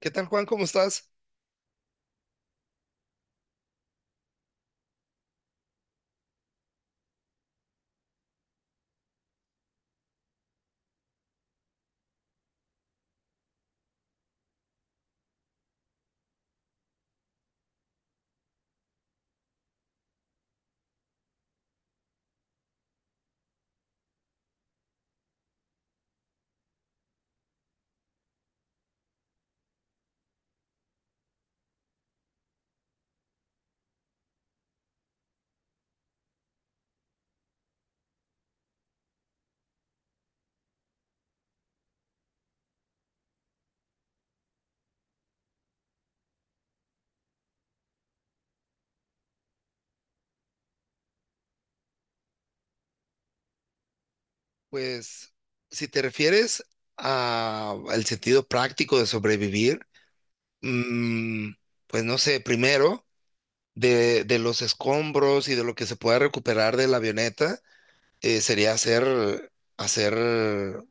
¿Qué tal, Juan? ¿Cómo estás? Pues, si te refieres al sentido práctico de sobrevivir, mm, pues no sé, primero, de los escombros y de lo que se pueda recuperar de la avioneta, sería hacer,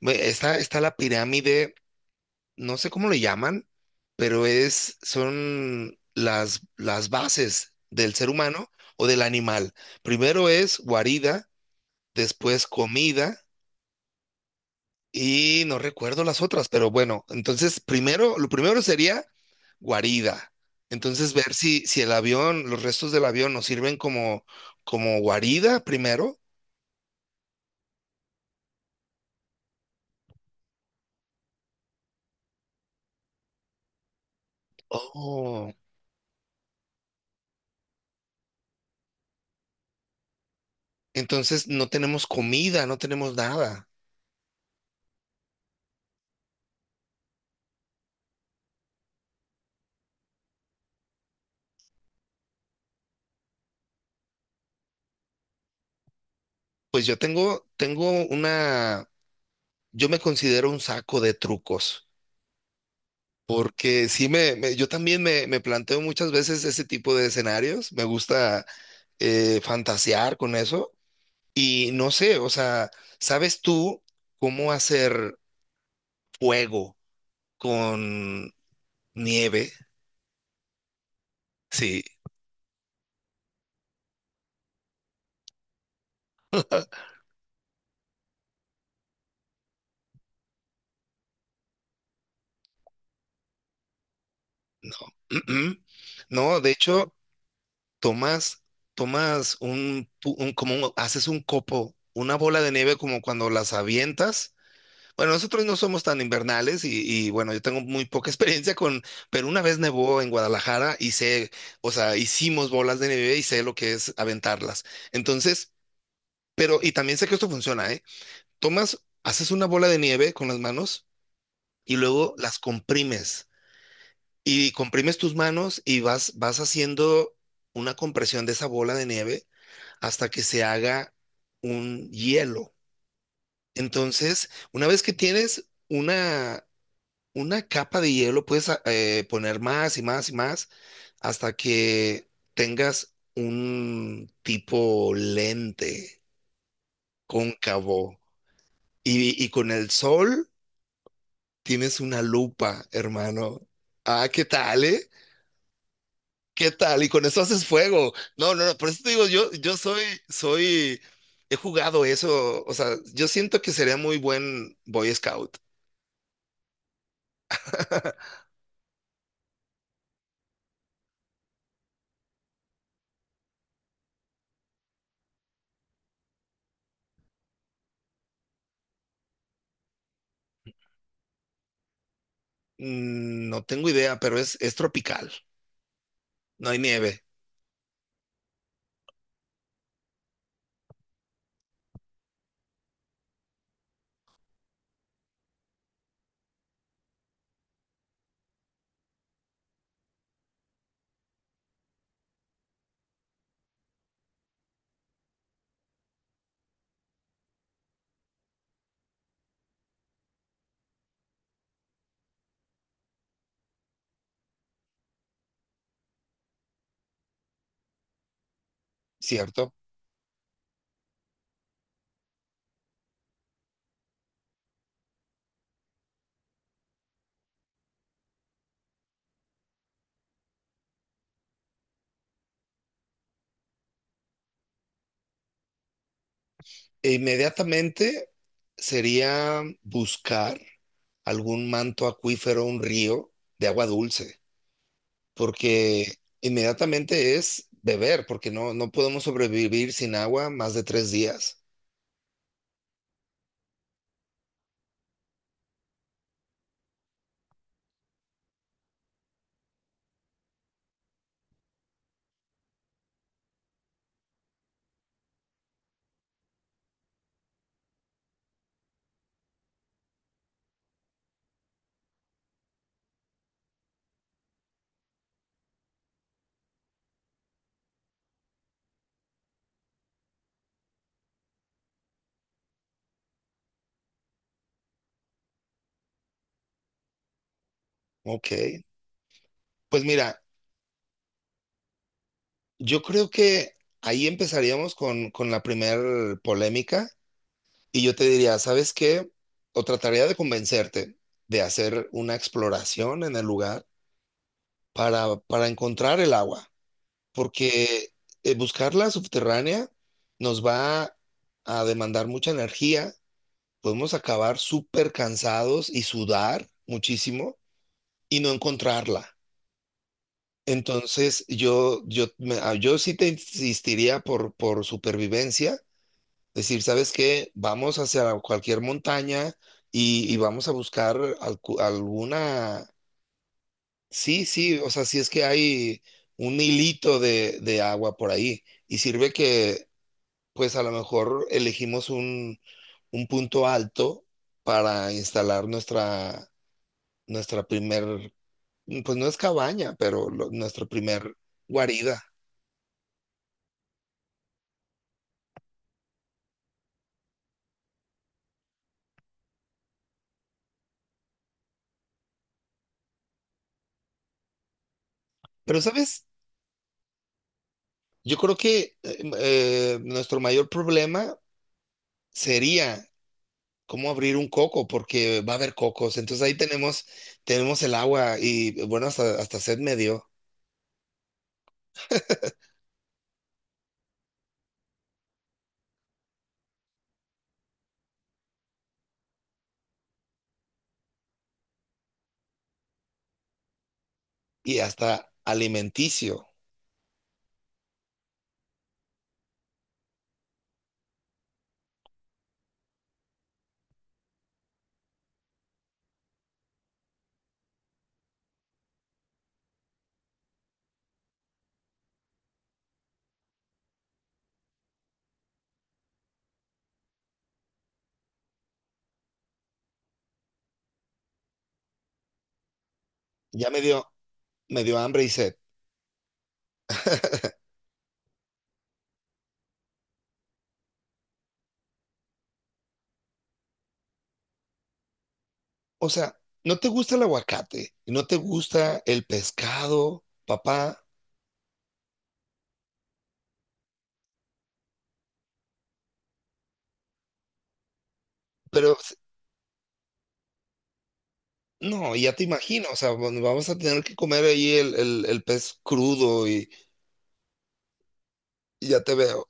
ve, está la pirámide, no sé cómo le llaman, pero son las bases del ser humano o del animal. Primero es guarida, después comida. Y no recuerdo las otras, pero bueno, entonces primero, lo primero sería guarida. Entonces ver si el avión, los restos del avión nos sirven como guarida primero. Oh, entonces no tenemos comida, no tenemos nada. Pues yo tengo una, yo me considero un saco de trucos, porque sí yo también me planteo muchas veces ese tipo de escenarios. Me gusta fantasear con eso. Y no sé, o sea, ¿sabes tú cómo hacer fuego con nieve? Sí, no. Mm, mm. No, de hecho, tomas, tomas un, pu- un- como un- haces un copo, una bola de nieve como cuando las avientas. Bueno, nosotros no somos tan invernales bueno, yo tengo muy poca experiencia con, pero una vez nevó en Guadalajara y sé, o sea, hicimos bolas de nieve y sé lo que es aventarlas. Entonces, pero, y también sé que esto funciona, ¿eh? Tomas, haces una bola de nieve con las manos y luego las comprimes. Y comprimes tus manos y vas haciendo una compresión de esa bola de nieve hasta que se haga un hielo. Entonces, una vez que tienes una capa de hielo, puedes poner más y más y más hasta que tengas un tipo lente cóncavo. Y con el sol tienes una lupa, hermano. Ah, ¿qué tal, eh? ¿Qué tal? Y con eso haces fuego. No, no, no, por eso te digo, yo soy, he jugado eso, o sea, yo siento que sería muy buen Boy Scout. Mm, no tengo idea, pero es tropical, no hay nieve, ¿cierto? E inmediatamente sería buscar algún manto acuífero, un río de agua dulce, porque inmediatamente es beber, porque no, no podemos sobrevivir sin agua más de 3 días. Ok, pues mira, yo creo que ahí empezaríamos con la primer polémica y yo te diría, ¿sabes qué? O trataría de convencerte de hacer una exploración en el lugar para encontrar el agua, porque buscarla subterránea nos va a demandar mucha energía. Podemos acabar súper cansados y sudar muchísimo y no encontrarla. Entonces, yo sí te insistiría por supervivencia, decir, ¿sabes qué? Vamos hacia cualquier montaña y vamos a buscar alguna. Sí, sí, o sea, si es que hay un hilito de agua por ahí y sirve que, pues a lo mejor elegimos un punto alto para instalar nuestra primer, pues no es cabaña, pero nuestra primer guarida. Pero, ¿sabes? Yo creo que nuestro mayor problema sería cómo abrir un coco, porque va a haber cocos. Entonces ahí tenemos, tenemos el agua y bueno, hasta sed me dio y hasta alimenticio. Ya me dio hambre y sed. O sea, no te gusta el aguacate, y no te gusta el pescado, papá, pero s- no, ya te imagino, o sea, bueno, vamos a tener que comer ahí el pez crudo y ya te veo.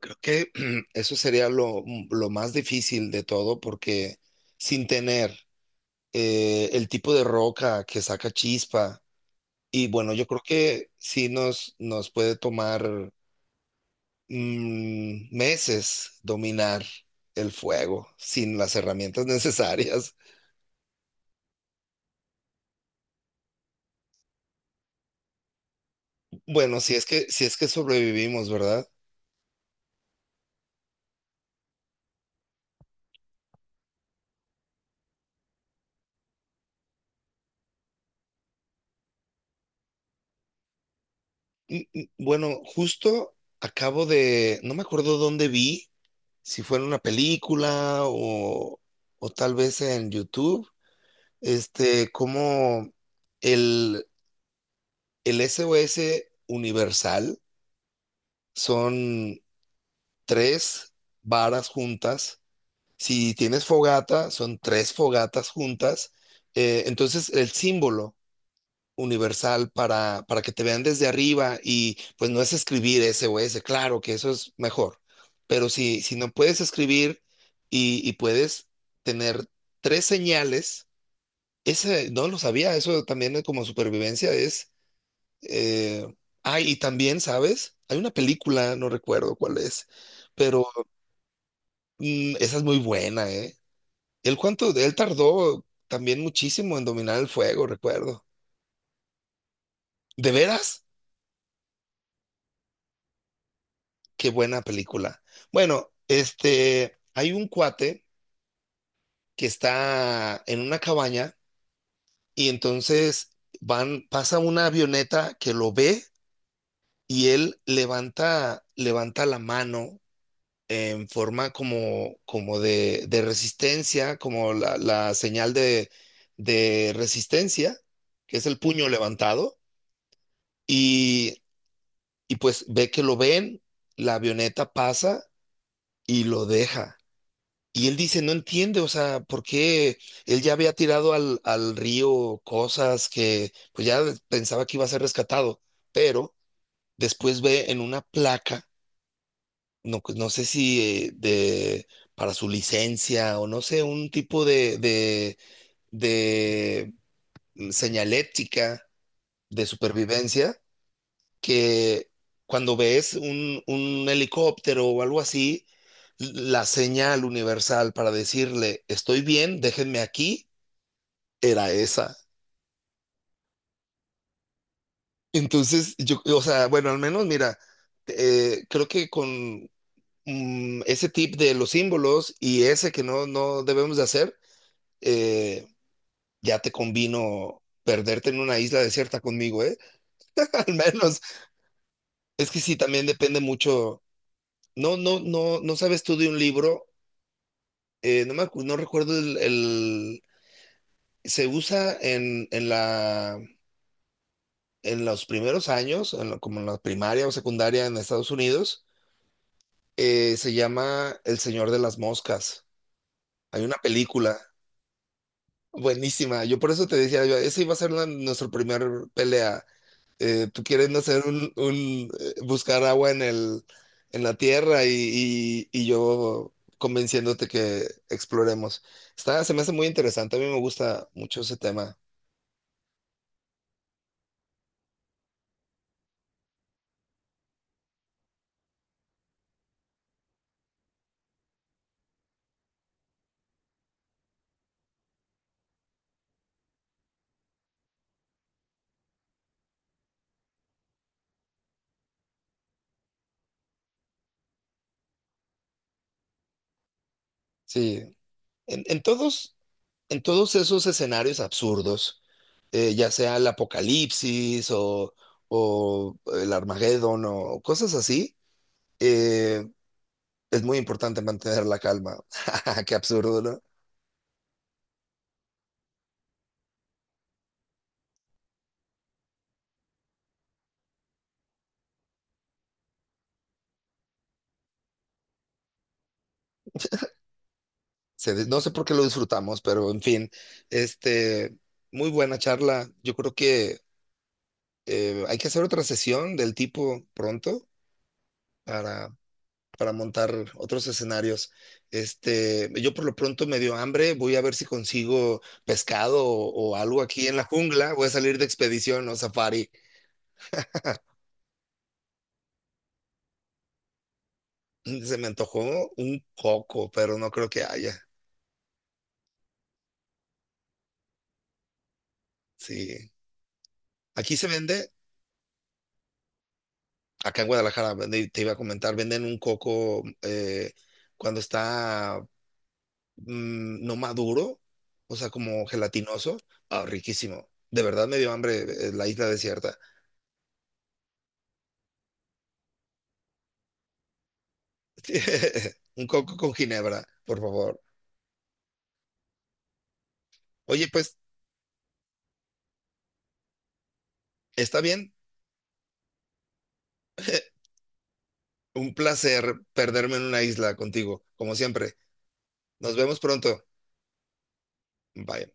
Creo que eso sería lo más difícil de todo porque sin tener el tipo de roca que saca chispa, y bueno, yo creo que sí nos puede tomar meses dominar el fuego sin las herramientas necesarias. Bueno, si es que sobrevivimos, ¿verdad? Bueno, justo acabo no me acuerdo dónde vi, si fue en una película o tal vez en YouTube, como el, el SOS universal son tres varas juntas. Si tienes fogata, son tres fogatas juntas. Entonces, el símbolo universal para que te vean desde arriba y pues no es escribir ese o ese, claro que eso es mejor. Pero si no puedes escribir y puedes tener tres señales, ese no lo sabía, eso también es como supervivencia es. eh, y también, ¿sabes? Hay una película, no recuerdo cuál es, pero esa es muy buena, eh. Él cuánto, él tardó también muchísimo en dominar el fuego, recuerdo. ¿De veras? Qué buena película. Bueno, hay un cuate que está en una cabaña y entonces van, pasa una avioneta que lo ve y él levanta la mano en forma como de resistencia, como la señal de resistencia, que es el puño levantado. Y Y pues ve que lo ven, la avioneta pasa y lo deja. Y él dice, no entiende, o sea, ¿por qué él ya había tirado al río cosas que pues ya pensaba que iba a ser rescatado? Pero después ve en una placa, no, pues, no sé si eh, de, para su licencia o no sé, un tipo de señalética de supervivencia que cuando ves un helicóptero o algo así, la señal universal para decirle, estoy bien, déjenme aquí, era esa. Entonces, yo, o sea, bueno, al menos mira, creo que con ese tip de los símbolos y ese que no, no debemos de hacer, eh, ya te convino perderte en una isla desierta conmigo, ¿eh? Al menos, es que sí, también depende mucho. No, no, no, no sabes tú de un libro, no recuerdo se usa en los primeros años, como en la primaria o secundaria en Estados Unidos, se llama El Señor de las Moscas. Hay una película buenísima. Yo por eso te decía, yo, esa iba a ser nuestra primera pelea. Tú quieres hacer buscar agua en la tierra, y yo convenciéndote que exploremos. Está, se me hace muy interesante. A mí me gusta mucho ese tema. Sí, en, en todos, en todos esos escenarios absurdos, ya sea el apocalipsis o el Armagedón o cosas así, eh, es muy importante mantener la calma. Qué absurdo, ¿no? No sé por qué lo disfrutamos, pero en fin, este, muy buena charla. Yo creo que hay que hacer otra sesión del tipo pronto para montar otros escenarios. Yo por lo pronto me dio hambre, voy a ver si consigo pescado o algo aquí en la jungla, voy a salir de expedición o safari. Mm, se me antojó un coco, pero no creo que haya. Sí. Aquí se vende, acá en Guadalajara, te iba a comentar, venden un coco cuando está no maduro, o sea, como gelatinoso. Ah, riquísimo. De verdad me dio hambre, la isla desierta. Un coco con ginebra, por favor. Oye, pues, está bien. Un placer perderme en una isla contigo, como siempre. Nos vemos pronto. Bye.